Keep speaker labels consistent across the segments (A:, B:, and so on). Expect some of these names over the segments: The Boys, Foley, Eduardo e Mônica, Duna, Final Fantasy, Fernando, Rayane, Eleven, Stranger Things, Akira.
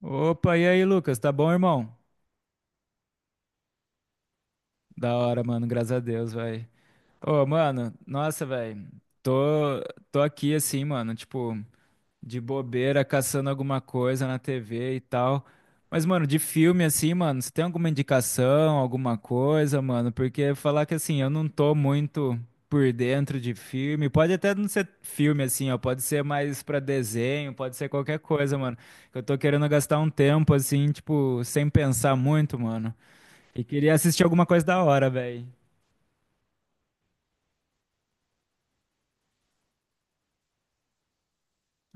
A: Opa, e aí, Lucas? Tá bom, irmão? Da hora, mano, graças a Deus, velho. Ô, mano, nossa, velho. Tô, tô aqui assim, mano, tipo, de bobeira, caçando alguma coisa na TV e tal. Mas, mano, de filme assim, mano, você tem alguma indicação, alguma coisa, mano? Porque falar que assim, eu não tô muito por dentro de filme. Pode até não ser filme assim, ó, pode ser mais pra desenho, pode ser qualquer coisa, mano. Eu tô querendo gastar um tempo assim, tipo, sem pensar muito, mano. E queria assistir alguma coisa da hora, velho.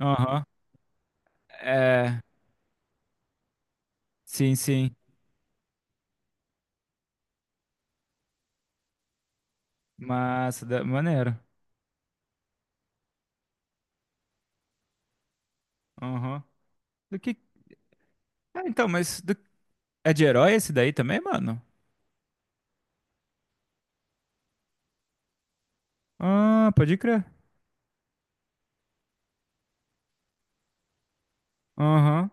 A: Aham. É, sim, sim. Massa, maneiro. Aham. Do que. Ah, então, é de herói esse daí também, mano? Ah, pode crer. Aham.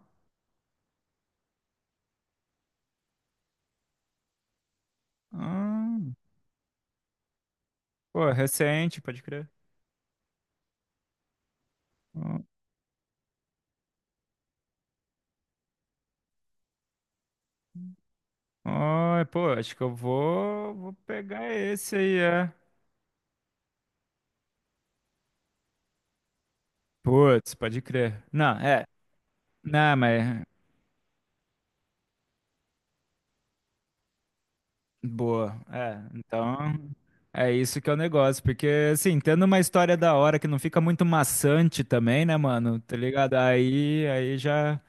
A: Ah, pô, é recente, pode crer. Ah, ah, pô, acho que vou pegar esse aí, é. Putz, pode crer. Não, é. Não, mas boa. É, então é isso que é o negócio, porque assim, tendo uma história da hora que não fica muito maçante também, né, mano? Tá ligado? Aí já.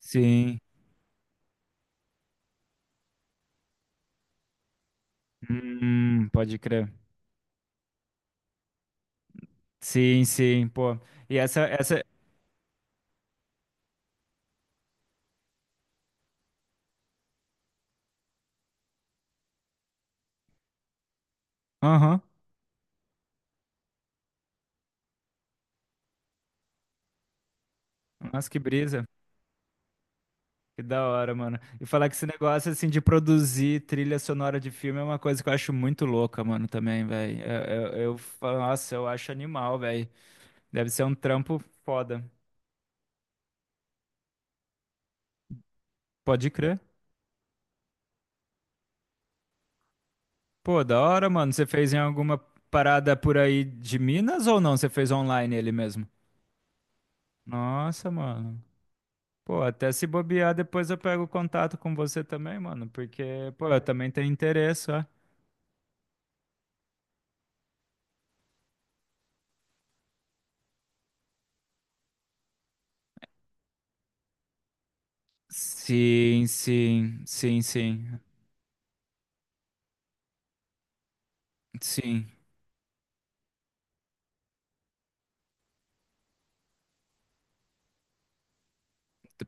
A: Sim. Pode crer. Sim, sim, pô. E essa, essa. Aham. Nossa, que brisa. Que da hora, mano. E falar que esse negócio, assim, de produzir trilha sonora de filme é uma coisa que eu acho muito louca, mano, também, velho. Eu falo, nossa, eu acho animal, velho. Deve ser um trampo foda. Pode crer. Pô, da hora, mano. Você fez em alguma parada por aí de Minas ou não? Você fez online ele mesmo? Nossa, mano. Pô, até se bobear, depois eu pego contato com você também, mano, porque, pô, eu também tenho interesse, ó. Sim, sim, sim, sim, sim,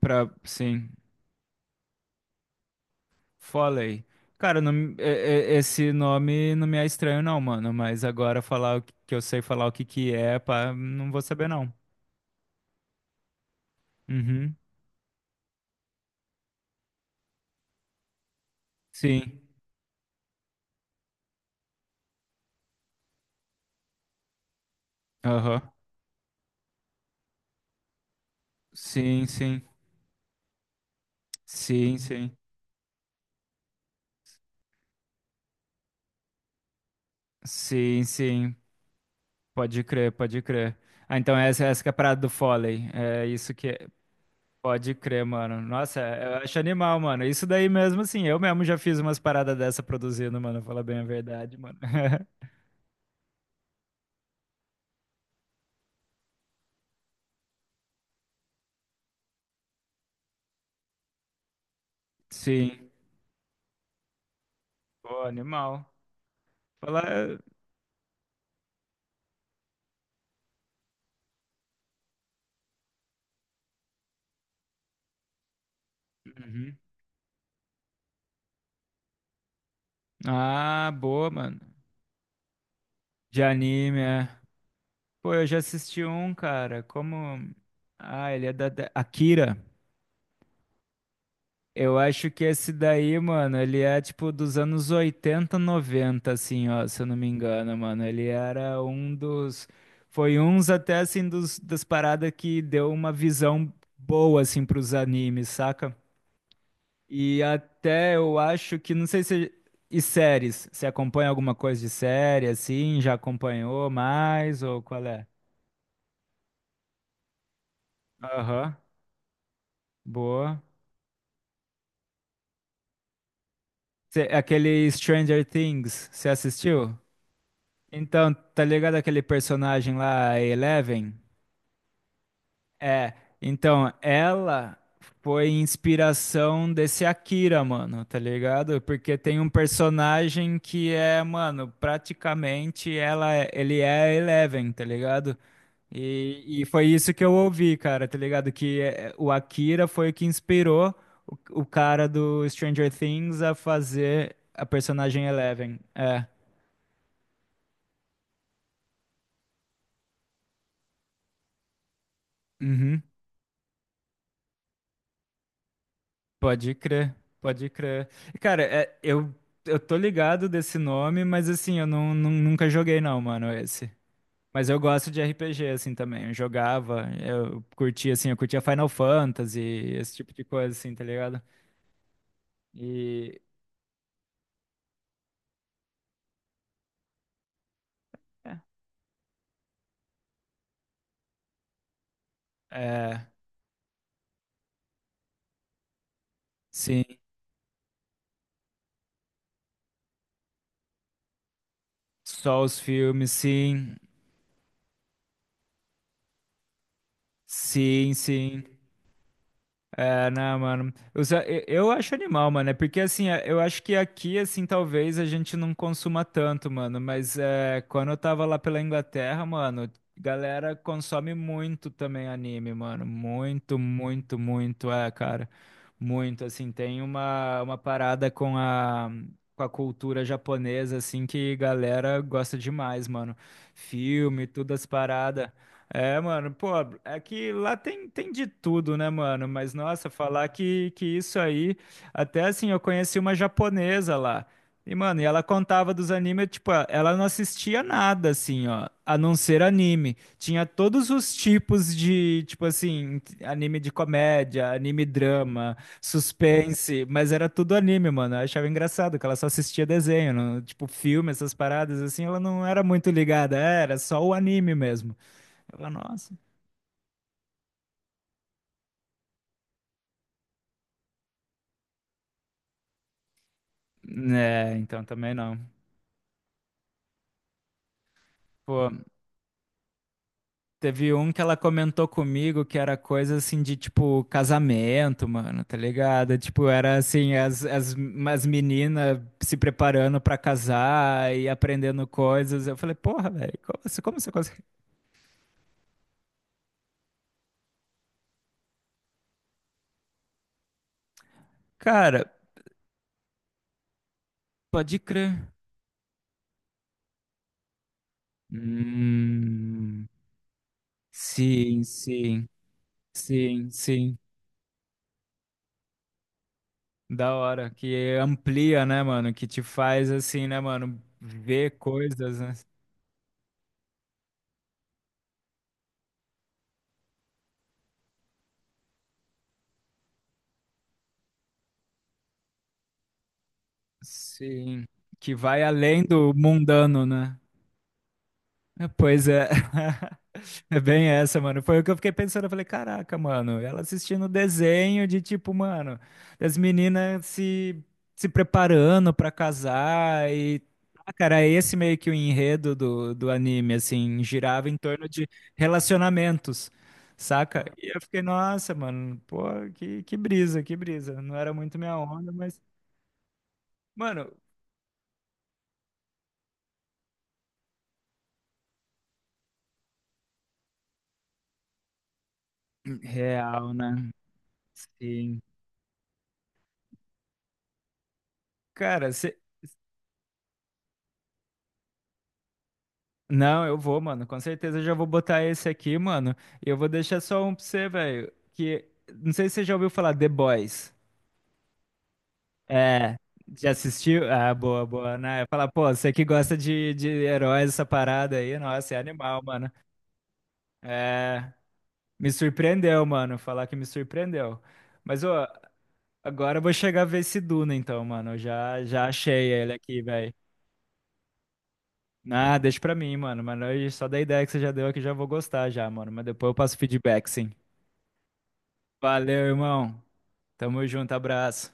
A: sim. Foley. Cara, não, esse nome não me é estranho não, mano, mas agora falar o que que eu sei falar o que que é, pá, não vou saber não. Uhum, sim, aham. Sim, sim. Sim, sim. Sim, sim. Pode crer, pode crer. Ah, então essa que é a parada do Foley. É isso que é. Pode crer, mano. Nossa, eu acho animal, mano. Isso daí mesmo, assim, eu mesmo já fiz umas paradas dessa produzindo, mano. Falar bem a verdade, mano. Sim. Pô, animal. Falar. Uhum. Ah, boa, mano. De anime, é. Pô, eu já assisti um, cara. Como. Ah, ele é Akira. Eu acho que esse daí, mano, ele é tipo dos anos 80, 90, assim, ó, se eu não me engano, mano. Ele era um dos. Foi uns até, assim, das paradas que deu uma visão boa, assim, pros animes, saca? E até eu acho que, não sei se. E séries? Você acompanha alguma coisa de série, assim? Já acompanhou mais? Ou qual é? Aham, boa. Aquele Stranger Things, você assistiu? Então, tá ligado aquele personagem lá, a Eleven? É, então, ela foi inspiração desse Akira, mano, tá ligado? Porque tem um personagem que é, mano, praticamente ela, ele é a Eleven, tá ligado? E foi isso que eu ouvi, cara, tá ligado? Que é, o Akira foi o que inspirou o cara do Stranger Things a fazer a personagem Eleven. É. Uhum. Pode crer, pode crer. Cara, é, eu tô ligado desse nome, mas assim, eu não, nunca joguei não, mano, esse. Mas eu gosto de RPG, assim, também. Eu curtia, assim, eu curtia Final Fantasy, esse tipo de coisa, assim, tá ligado? E... É, sim. Só os filmes, sim. Sim, sim. É, não, mano. Eu, só- eu acho animal, mano. É porque, assim, é- eu acho que aqui, assim, talvez a gente não consuma tanto, mano. Mas é, quando eu tava lá pela Inglaterra, mano, galera consome muito também anime, mano. Muito, muito, muito. É, cara. Muito, assim. Tem uma parada com a cultura japonesa, assim, que galera gosta demais, mano. Filme, todas as paradas. É, mano, pô, é que lá tem, tem de tudo, né, mano? Mas nossa, falar que isso aí. Até assim, eu conheci uma japonesa lá. E, mano, e ela contava dos animes, tipo, ela não assistia nada, assim, ó, a não ser anime. Tinha todos os tipos de, tipo assim, anime de comédia, anime drama, suspense, mas era tudo anime, mano. Eu achava engraçado que ela só assistia desenho, não- tipo, filme, essas paradas, assim, ela não era muito ligada, é, era só o anime mesmo. Ela, nossa. É, então também não. Pô, teve um que ela comentou comigo que era coisa assim de tipo casamento, mano, tá ligado? Tipo, era assim, as meninas se preparando pra casar e aprendendo coisas. Eu falei, porra, velho, como, como você consegue? Cara, pode crer. Hum, sim, sim, sim. Da hora, que amplia, né, mano? Que te faz assim, né, mano? Ver coisas, né? Sim, que vai além do mundano, né? É, pois é. É bem essa, mano. Foi o que eu fiquei pensando. Eu falei, caraca, mano, ela assistindo desenho de tipo, mano, das meninas se, se preparando pra casar e. Ah, cara, é esse meio que o enredo do anime, assim, girava em torno de relacionamentos, saca? E eu fiquei, nossa, mano, pô, que brisa, que brisa. Não era muito minha onda, mas. Mano, real, né? Sim. Cara, se... não, eu vou, mano. Com certeza eu já vou botar esse aqui, mano. E eu vou deixar só um pra você, velho. Que. Não sei se você já ouviu falar The Boys. É. Já assistiu? Ah, boa, boa, né? Falar, pô, você que gosta de heróis, essa parada aí, nossa, é animal, mano. É. Me surpreendeu, mano. Falar que me surpreendeu. Mas, ó, agora eu vou chegar a ver esse Duna, então, mano. Já achei ele aqui, velho. Ah, deixa pra mim, mano. Mas só da ideia que você já deu aqui já vou gostar já, mano. Mas depois eu passo feedback, sim. Valeu, irmão. Tamo junto, abraço.